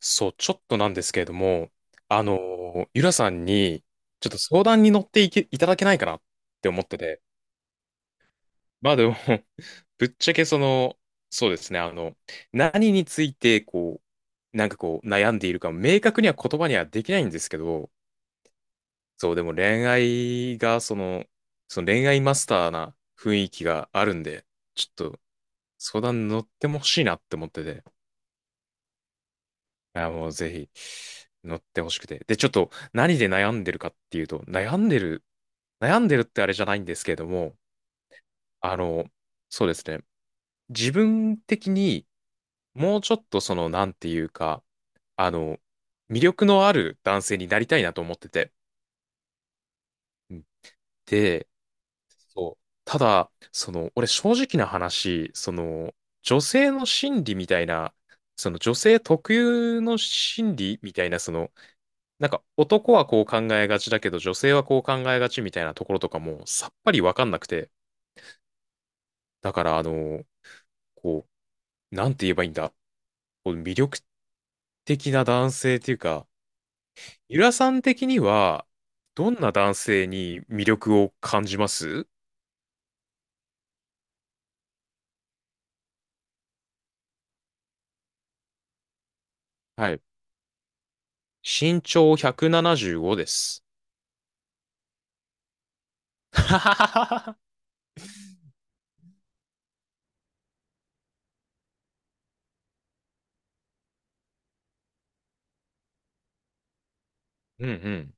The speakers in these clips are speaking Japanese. そう、ちょっとなんですけれども、ゆらさんに、ちょっと相談に乗っていただけないかなって思ってて。まあでも ぶっちゃけその、そうですね、何について、こう、なんかこう、悩んでいるか、明確には言葉にはできないんですけど、そう、でも恋愛が、その恋愛マスターな雰囲気があるんで、ちょっと相談に乗ってもほしいなって思ってて。あもうぜひ乗ってほしくて。で、ちょっと何で悩んでるかっていうと、悩んでるってあれじゃないんですけれども、あの、そうですね。自分的にもうちょっとその、なんていうか、あの、魅力のある男性になりたいなと思ってて。うんで、そう。ただ、俺正直な話、女性の心理みたいな、その女性特有の心理みたいな、なんか男はこう考えがちだけど女性はこう考えがちみたいなところとかもさっぱりわかんなくて。だからこう、なんて言えばいいんだ。こう魅力的な男性っていうか、ゆらさん的にはどんな男性に魅力を感じます？はい。身長175です。うんうん。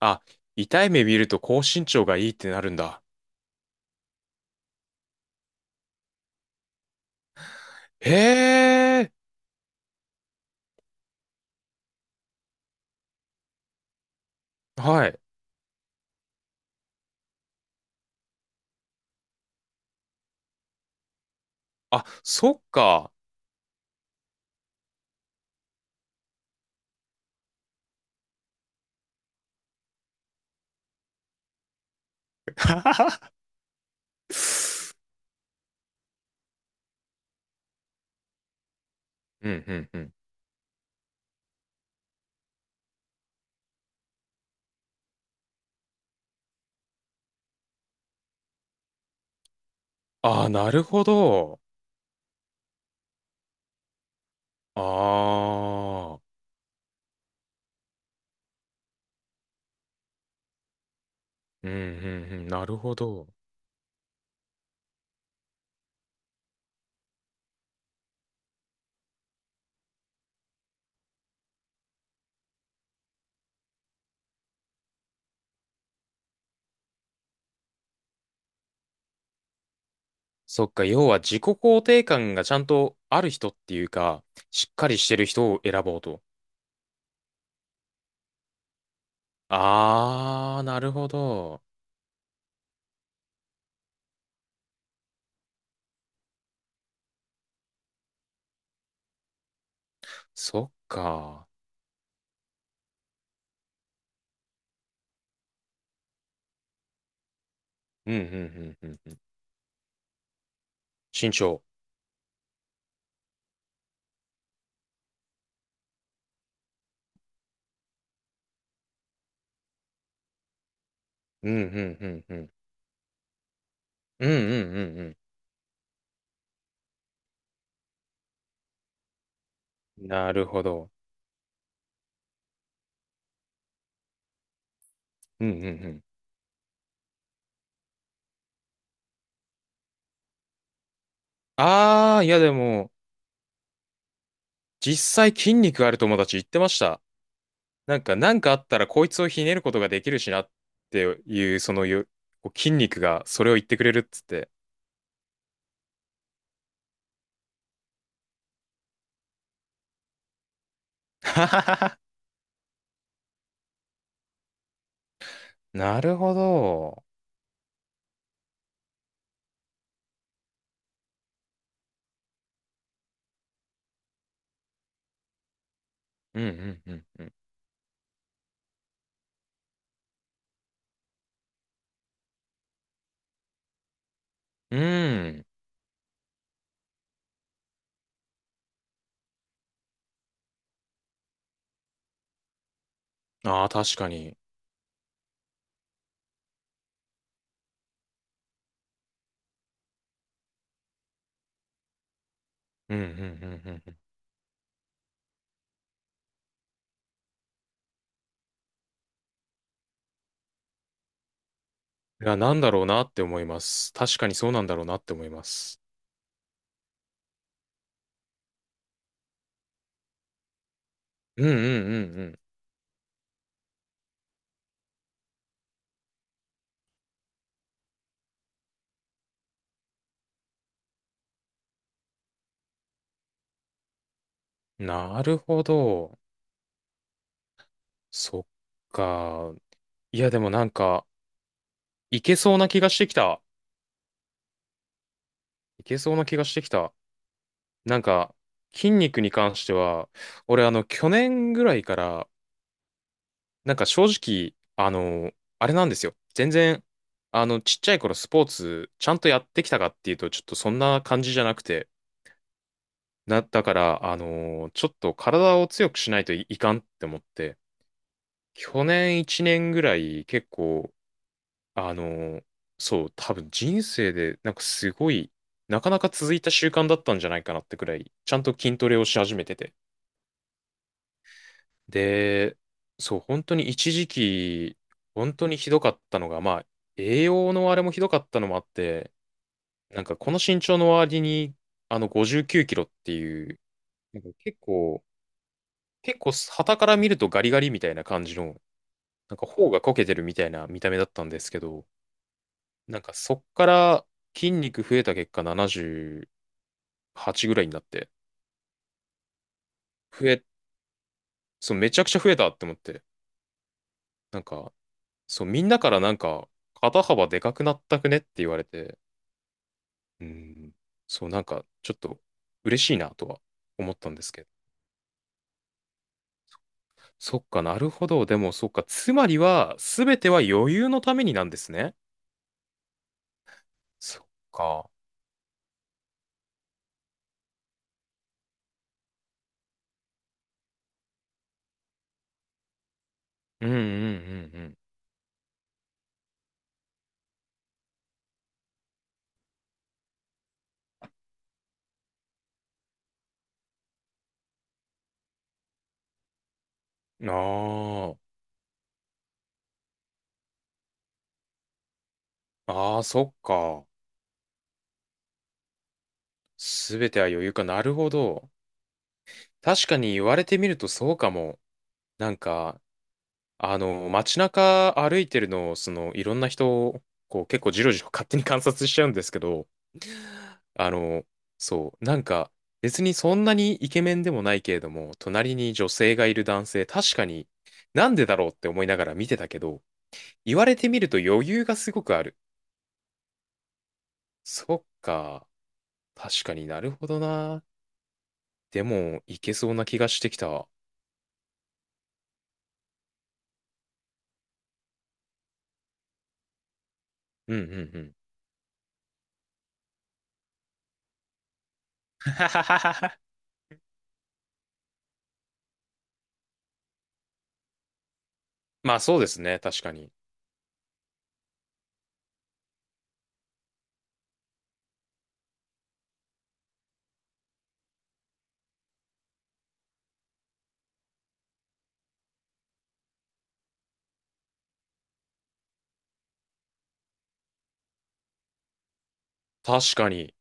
あ、痛い目見ると高身長がいいってなるんだ。へえ。はい。あ、そっか。うんうんうん。ああ、なるほど。ああ、うんうんうん、なるほど。そっか、要は自己肯定感がちゃんとある人っていうか、しっかりしてる人を選ぼうと。ああ、なるほど。そっか。うんうんうんうんうん。身長。うんうんうんうん。うんうんうんうん。なるほど。うんうんうん。ああ、いやでも、実際筋肉ある友達言ってました。なんかあったらこいつをひねることができるしなっていう、そのよ、こう筋肉がそれを言ってくれるっつって。はははは。なるほど。うんうんうんうん。うん。ああ、確かに。うんうんうんうんうん。いや、なんだろうなって思います。確かにそうなんだろうなって思います。うんうんうんうん。なるほど。そっか。いや、でもなんか、いけそうな気がしてきた。いけそうな気がしてきた。なんか、筋肉に関しては、俺去年ぐらいから、なんか正直、あれなんですよ。全然、ちっちゃい頃スポーツ、ちゃんとやってきたかっていうと、ちょっとそんな感じじゃなくて、だから、ちょっと体を強くしないといかんって思って、去年1年ぐらい結構、あの、そう、多分人生で、なんかすごい、なかなか続いた習慣だったんじゃないかなってくらい、ちゃんと筋トレをし始めてて。で、そう、本当に一時期、本当にひどかったのが、まあ、栄養のあれもひどかったのもあって、なんかこの身長の割に、59キロっていう、なんか結構、結構、傍から見るとガリガリみたいな感じの、なんか頬がこけてるみたいな見た目だったんですけど、なんかそっから筋肉増えた結果78ぐらいになって、増え、そう、めちゃくちゃ増えたって思って、なんか、そう、みんなからなんか、肩幅でかくなったくねって言われて、うん。そう、なんか、ちょっと嬉しいなとは思ったんですけど。そっかなるほど。でも、そっか。つまりは、すべては余裕のためになんですね。そっか。うんうんうんうん。ああ。ああ、そっか。すべては余裕か。なるほど。確かに言われてみるとそうかも。なんか、街中歩いてるのを、いろんな人こう、結構じろじろ勝手に観察しちゃうんですけど、あの、そう、なんか、別にそんなにイケメンでもないけれども、隣に女性がいる男性、確かになんでだろうって思いながら見てたけど、言われてみると余裕がすごくある。そっか、確かになるほどな。でも、いけそうな気がしてきた。うんうんうん。まあそうですね、確かに。確かに。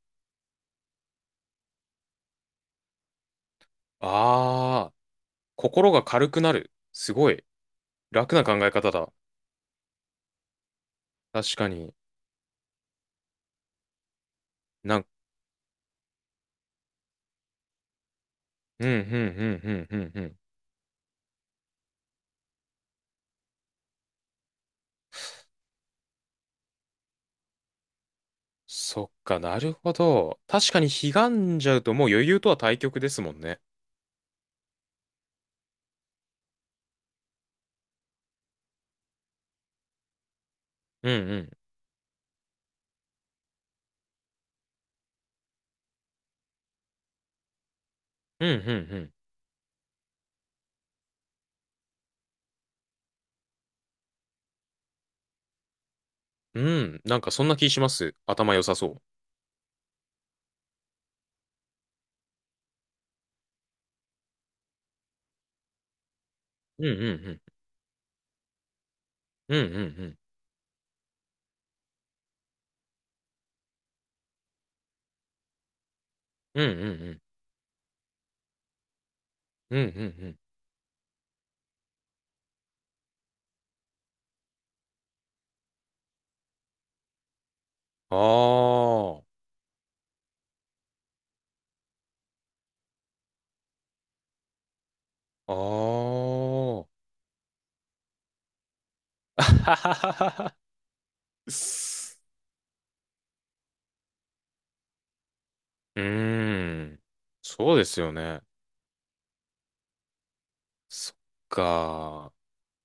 ああ。心が軽くなる。すごい。楽な考え方だ。確かに。なん、うん、うん、うん、うん、うん、うん。そっか、なるほど。確かに、悲願じゃうともう余裕とは対極ですもんね。うん、うん。うん、うん、うん。うん、なんかそんな気します。頭良さそう。うん、うん、うん。うん、うん、うん。うん、うん、うん。うん、うん、うん。あー。あー。あはははは。うーん。そうですよね。そっか。